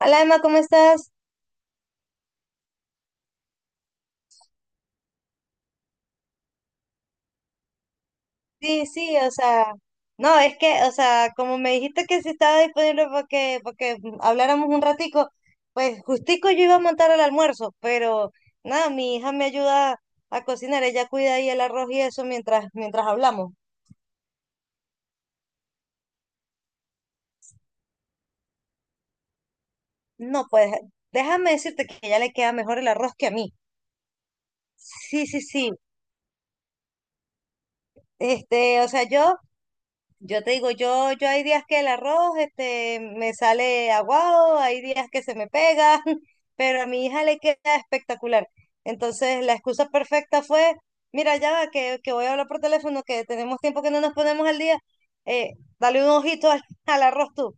Hola Emma, ¿cómo estás? Sí, sí, o sea, no, es que, o sea, como me dijiste que si estaba disponible porque habláramos un ratico, pues justico yo iba a montar el almuerzo, pero nada, mi hija me ayuda a cocinar, ella cuida ahí el arroz y eso mientras hablamos. No, pues déjame decirte que ya le queda mejor el arroz que a mí. Sí, sí, sí. O sea, yo te digo, yo hay días que el arroz este, me sale aguado, hay días que se me pega, pero a mi hija le queda espectacular. Entonces, la excusa perfecta fue, mira, ya va, que voy a hablar por teléfono, que tenemos tiempo que no nos ponemos al día, eh, dale un ojito al, al arroz tú.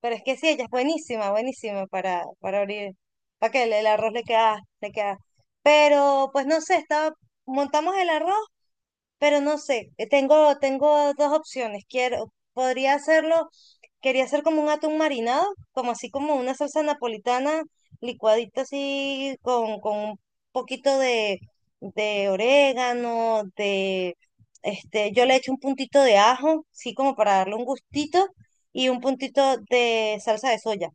Pero es que sí, ella es buenísima, buenísima para abrir, para que el arroz le queda, le queda. Pero, pues no sé, estaba, montamos el arroz pero no sé, tengo dos opciones. Quiero, podría hacerlo, quería hacer como un atún marinado, como así como una salsa napolitana licuadita así con un poquito de orégano, yo le echo un puntito de ajo, sí, como para darle un gustito, y un puntito de salsa de soya.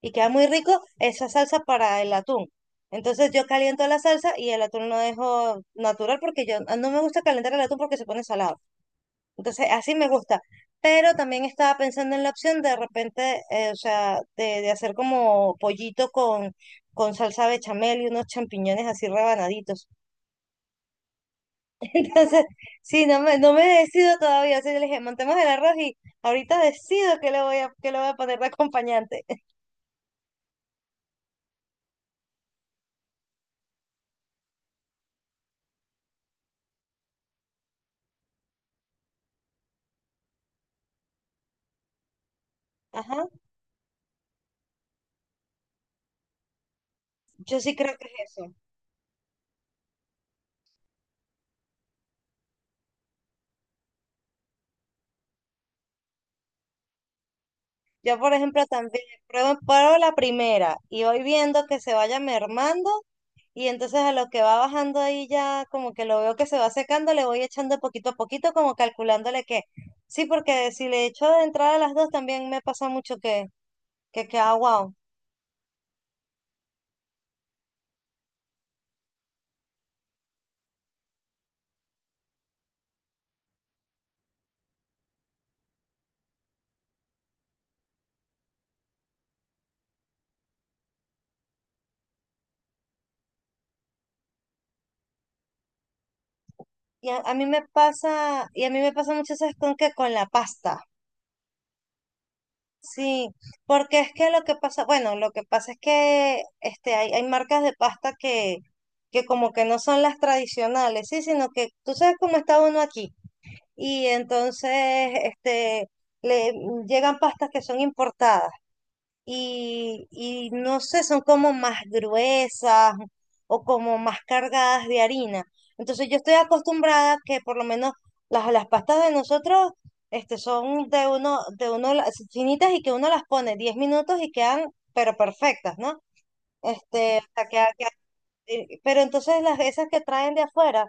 Y queda muy rico esa salsa para el atún. Entonces yo caliento la salsa y el atún lo dejo natural porque no me gusta calentar el atún porque se pone salado. Entonces así me gusta. Pero también estaba pensando en la opción de repente, o sea, de hacer como pollito con salsa bechamel y unos champiñones así rebanaditos. Entonces, sí, no me decido todavía. Así que le dije, montemos el arroz y ahorita decido qué le voy a poner de acompañante. Ajá, yo sí creo que es eso. Yo, por ejemplo, también pruebo la primera y voy viendo que se vaya mermando y entonces a lo que va bajando ahí ya como que lo veo que se va secando, le voy echando poquito a poquito como calculándole que sí, porque si le echo de entrada a las dos también me pasa mucho que queda wow. Y a mí me pasa y a mí me pasa mucho eso es con la pasta. Sí, porque es que lo que pasa, bueno, lo que pasa es que hay marcas de pasta que como que no son las tradicionales, sí, sino que tú sabes cómo está uno aquí. Y entonces, este, le llegan pastas que son importadas y no sé, son como más gruesas o como más cargadas de harina. Entonces yo estoy acostumbrada que por lo menos las pastas de nosotros son de uno, las finitas y que uno las pone 10 minutos y quedan pero perfectas, ¿no? Este, hasta pero entonces las esas que traen de afuera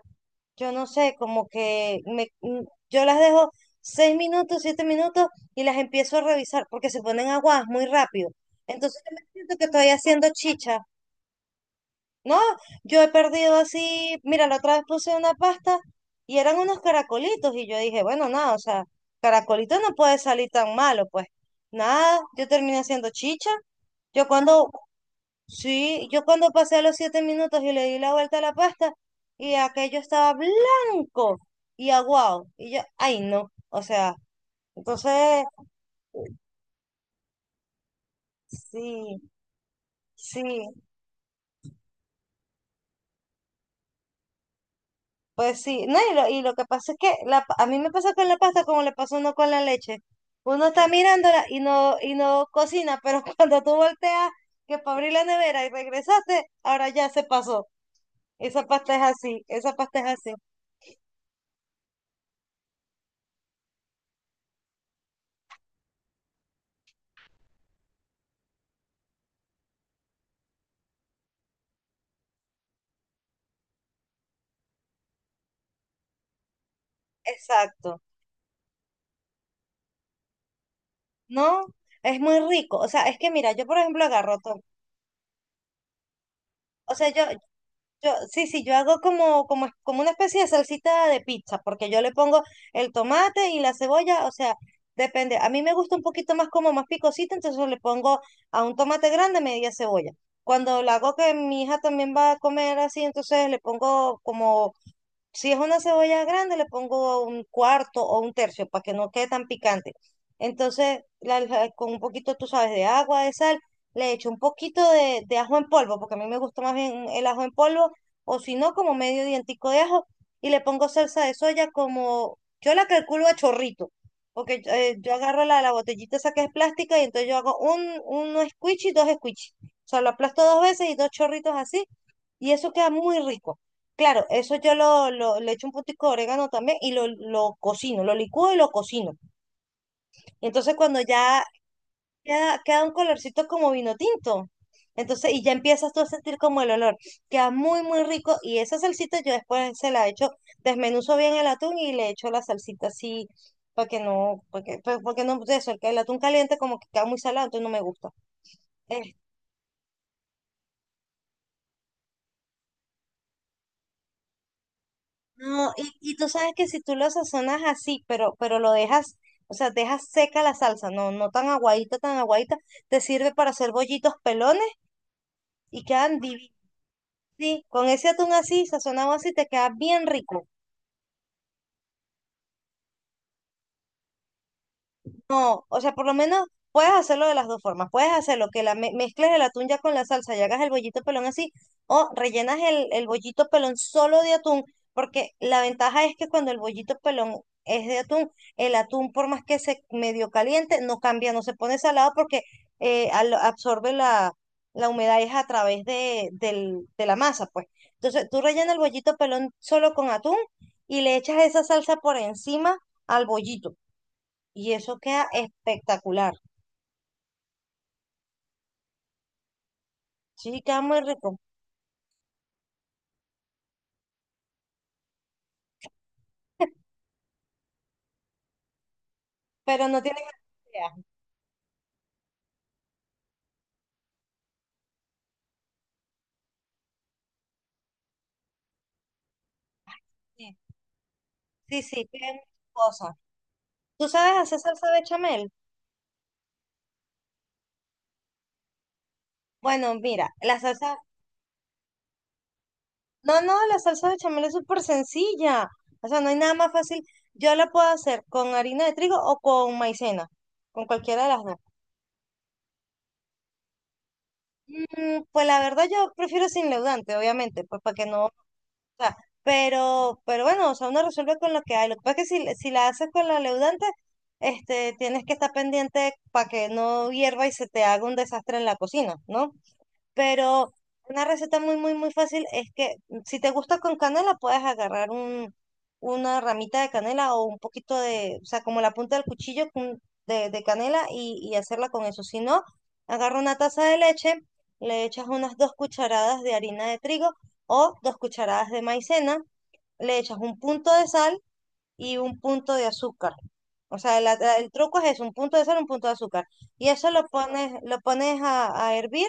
yo no sé, como que yo las dejo 6 minutos, 7 minutos y las empiezo a revisar porque se ponen aguadas muy rápido. Entonces yo me siento que estoy haciendo chicha, ¿no? Yo he perdido así, mira, la otra vez puse una pasta y eran unos caracolitos y yo dije, bueno, nada, o sea, caracolito no puede salir tan malo, pues nada, yo terminé haciendo chicha. Yo cuando, Sí, yo cuando pasé los 7 minutos y le di la vuelta a la pasta y aquello estaba blanco y aguado. Y yo, ay no, o sea, entonces, sí, sí, pues sí. No, y lo que pasa es que a mí me pasa con la pasta como le pasó a uno con la leche. Uno está mirándola y no cocina, pero cuando tú volteas que para abrir la nevera y regresaste, ahora ya se pasó. Esa pasta es así, esa pasta es así. Exacto. No, es muy rico. O sea, es que mira, yo por ejemplo agarro todo. O sea, sí, sí, yo hago como una especie de salsita de pizza, porque yo le pongo el tomate y la cebolla, o sea, depende. A mí me gusta un poquito más como más picosita, entonces yo le pongo a un tomate grande media cebolla. Cuando la hago que mi hija también va a comer así, entonces le pongo como si es una cebolla grande, le pongo un cuarto o un tercio para que no quede tan picante. Entonces, con un poquito, tú sabes, de agua, de sal, le echo un poquito de ajo en polvo, porque a mí me gusta más bien el ajo en polvo, o si no, como medio dientico de ajo, y le pongo salsa de soya como, yo la calculo a chorrito, porque yo agarro la botellita esa que es plástica y entonces yo hago uno squishy y dos squishy. O sea, lo aplasto dos veces y dos chorritos así, y eso queda muy rico. Claro, eso yo le echo un puntico de orégano también y lo cocino, lo licúo y lo cocino. Y entonces cuando ya queda un colorcito como vino tinto, entonces y ya empiezas tú a sentir como el olor, queda muy, muy rico y esa salsita yo después se la echo, desmenuzo bien el atún y le echo la salsita así para que no, porque no, de eso, el que el atún caliente como que queda muy salado, entonces no me gusta. No, y tú sabes que si tú lo sazonas así, pero lo dejas, o sea, dejas seca la salsa, no, no tan aguadita, tan aguadita, te sirve para hacer bollitos pelones y quedan divinos. Sí, con ese atún así, sazonado así, te queda bien rico. No, o sea, por lo menos puedes hacerlo de las dos formas. Puedes hacerlo que mezcles el atún ya con la salsa y hagas el bollito pelón así, o rellenas el bollito pelón solo de atún, porque la ventaja es que cuando el bollito pelón es de atún, el atún, por más que se medio caliente, no cambia, no se pone salado porque absorbe la humedad es a través de la masa, pues. Entonces, tú rellenas el bollito pelón solo con atún y le echas esa salsa por encima al bollito. Y eso queda espectacular. Sí, queda muy rico. Pero no tiene cantidad. Sí, sí, sí, queda muchas cosas. ¿Tú sabes hacer salsa bechamel? Bueno, mira, la salsa. No, no, la salsa bechamel es súper sencilla. O sea, no hay nada más fácil. Yo la puedo hacer con harina de trigo o con maicena. Con cualquiera de las dos. Pues la verdad, yo prefiero sin leudante, obviamente, pues para que no O sea, pero bueno, o sea, uno resuelve con lo que hay. Lo que pasa es que si la haces con la leudante, tienes que estar pendiente para que no hierva y se te haga un desastre en la cocina, ¿no? Pero una receta muy, muy, muy fácil es que si te gusta con canela, puedes agarrar un, una ramita de canela o un poquito de, o sea, como la punta del cuchillo de canela y hacerla con eso. Si no, agarra una taza de leche, le echas unas 2 cucharadas de harina de trigo o 2 cucharadas de maicena, le echas un punto de sal y un punto de azúcar. O sea, el truco es eso, un punto de sal, un punto de azúcar. Y eso lo pones, a hervir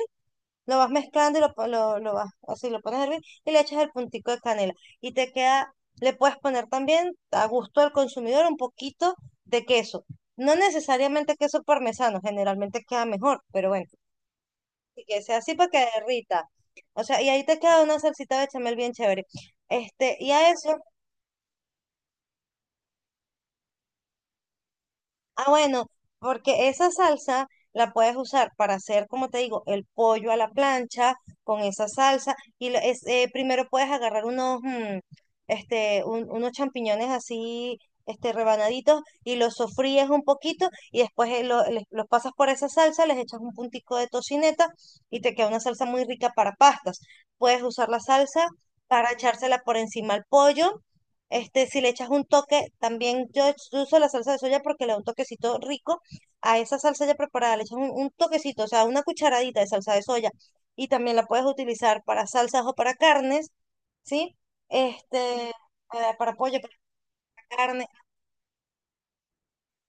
lo vas mezclando y lo vas, así lo pones a hervir y le echas el puntico de canela. Y te queda, le puedes poner también a gusto al consumidor un poquito de queso. No necesariamente queso parmesano, generalmente queda mejor, pero bueno, y que sea así para que derrita. O sea, y ahí te queda una salsita bechamel bien chévere. Este, y a eso bueno, porque esa salsa la puedes usar para hacer, como te digo, el pollo a la plancha con esa salsa. Y primero puedes agarrar unos champiñones así, rebanaditos y los sofríes un poquito y después los pasas por esa salsa, les echas un puntico de tocineta y te queda una salsa muy rica para pastas. Puedes usar la salsa para echársela por encima al pollo este, si le echas un toque, también yo uso la salsa de soya porque le da un toquecito rico a esa salsa ya preparada, le echas un toquecito, o sea, una cucharadita de salsa de soya y también la puedes utilizar para salsas o para carnes, ¿sí? Este, para pollo, para carne.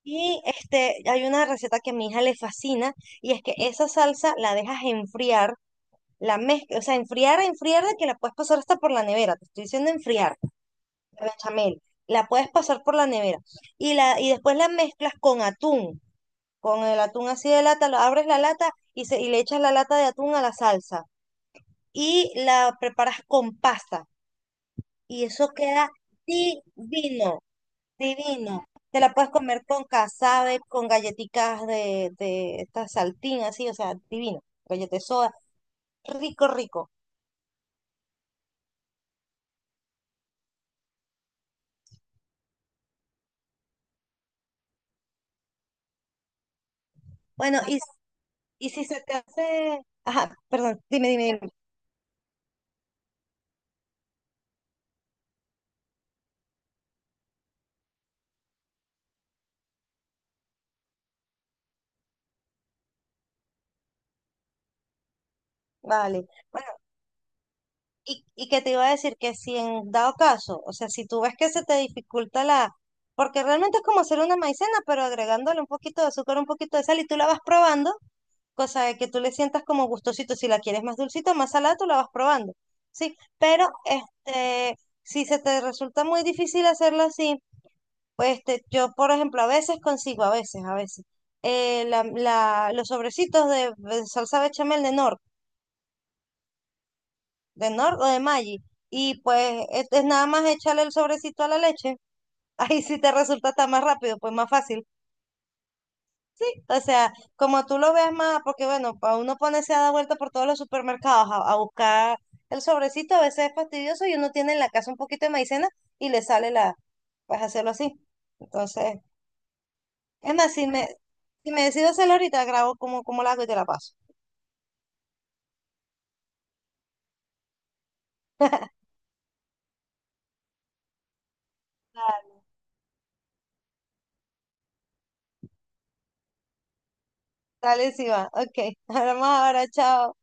Y hay una receta que a mi hija le fascina y es que esa salsa la dejas enfriar, la mezclas, o sea, enfriar, enfriar de que la puedes pasar hasta por la nevera, te estoy diciendo enfriar. Bechamel, la puedes pasar por la nevera y después la mezclas con atún, con el atún así de lata, abres la lata y le echas la lata de atún a la salsa y la preparas con pasta y eso queda divino, divino. Te la puedes comer con casabe, con galletitas de esta saltín así, o sea, divino, galleta de soda, rico, rico. Bueno, y si se te hace... Ajá, perdón, dime, dime, dime. Vale. Y que te iba a decir que si en dado caso, o sea, si tú ves que se te dificulta la, porque realmente es como hacer una maicena, pero agregándole un poquito de azúcar, un poquito de sal y tú la vas probando, cosa de que tú le sientas como gustosito, si la quieres más dulcita, más salada, tú la vas probando, ¿sí? Pero si se te resulta muy difícil hacerlo así, pues yo, por ejemplo, a veces consigo, los sobrecitos de salsa bechamel de Nor de Nord o de Maggi. Y pues es, nada más echarle el sobrecito a la leche. Ahí sí te resulta hasta más rápido, pues más fácil. Sí, o sea, como tú lo veas más, porque bueno, para uno ponerse a dar vuelta por todos los supermercados a buscar el sobrecito, a veces es fastidioso y uno tiene en la casa un poquito de maicena y le sale la, pues hacerlo así. Entonces, es más, si me, decido hacerlo ahorita, grabo como la hago y te la paso. Dale, dale, sí va. Ok, hablamos ahora, chao.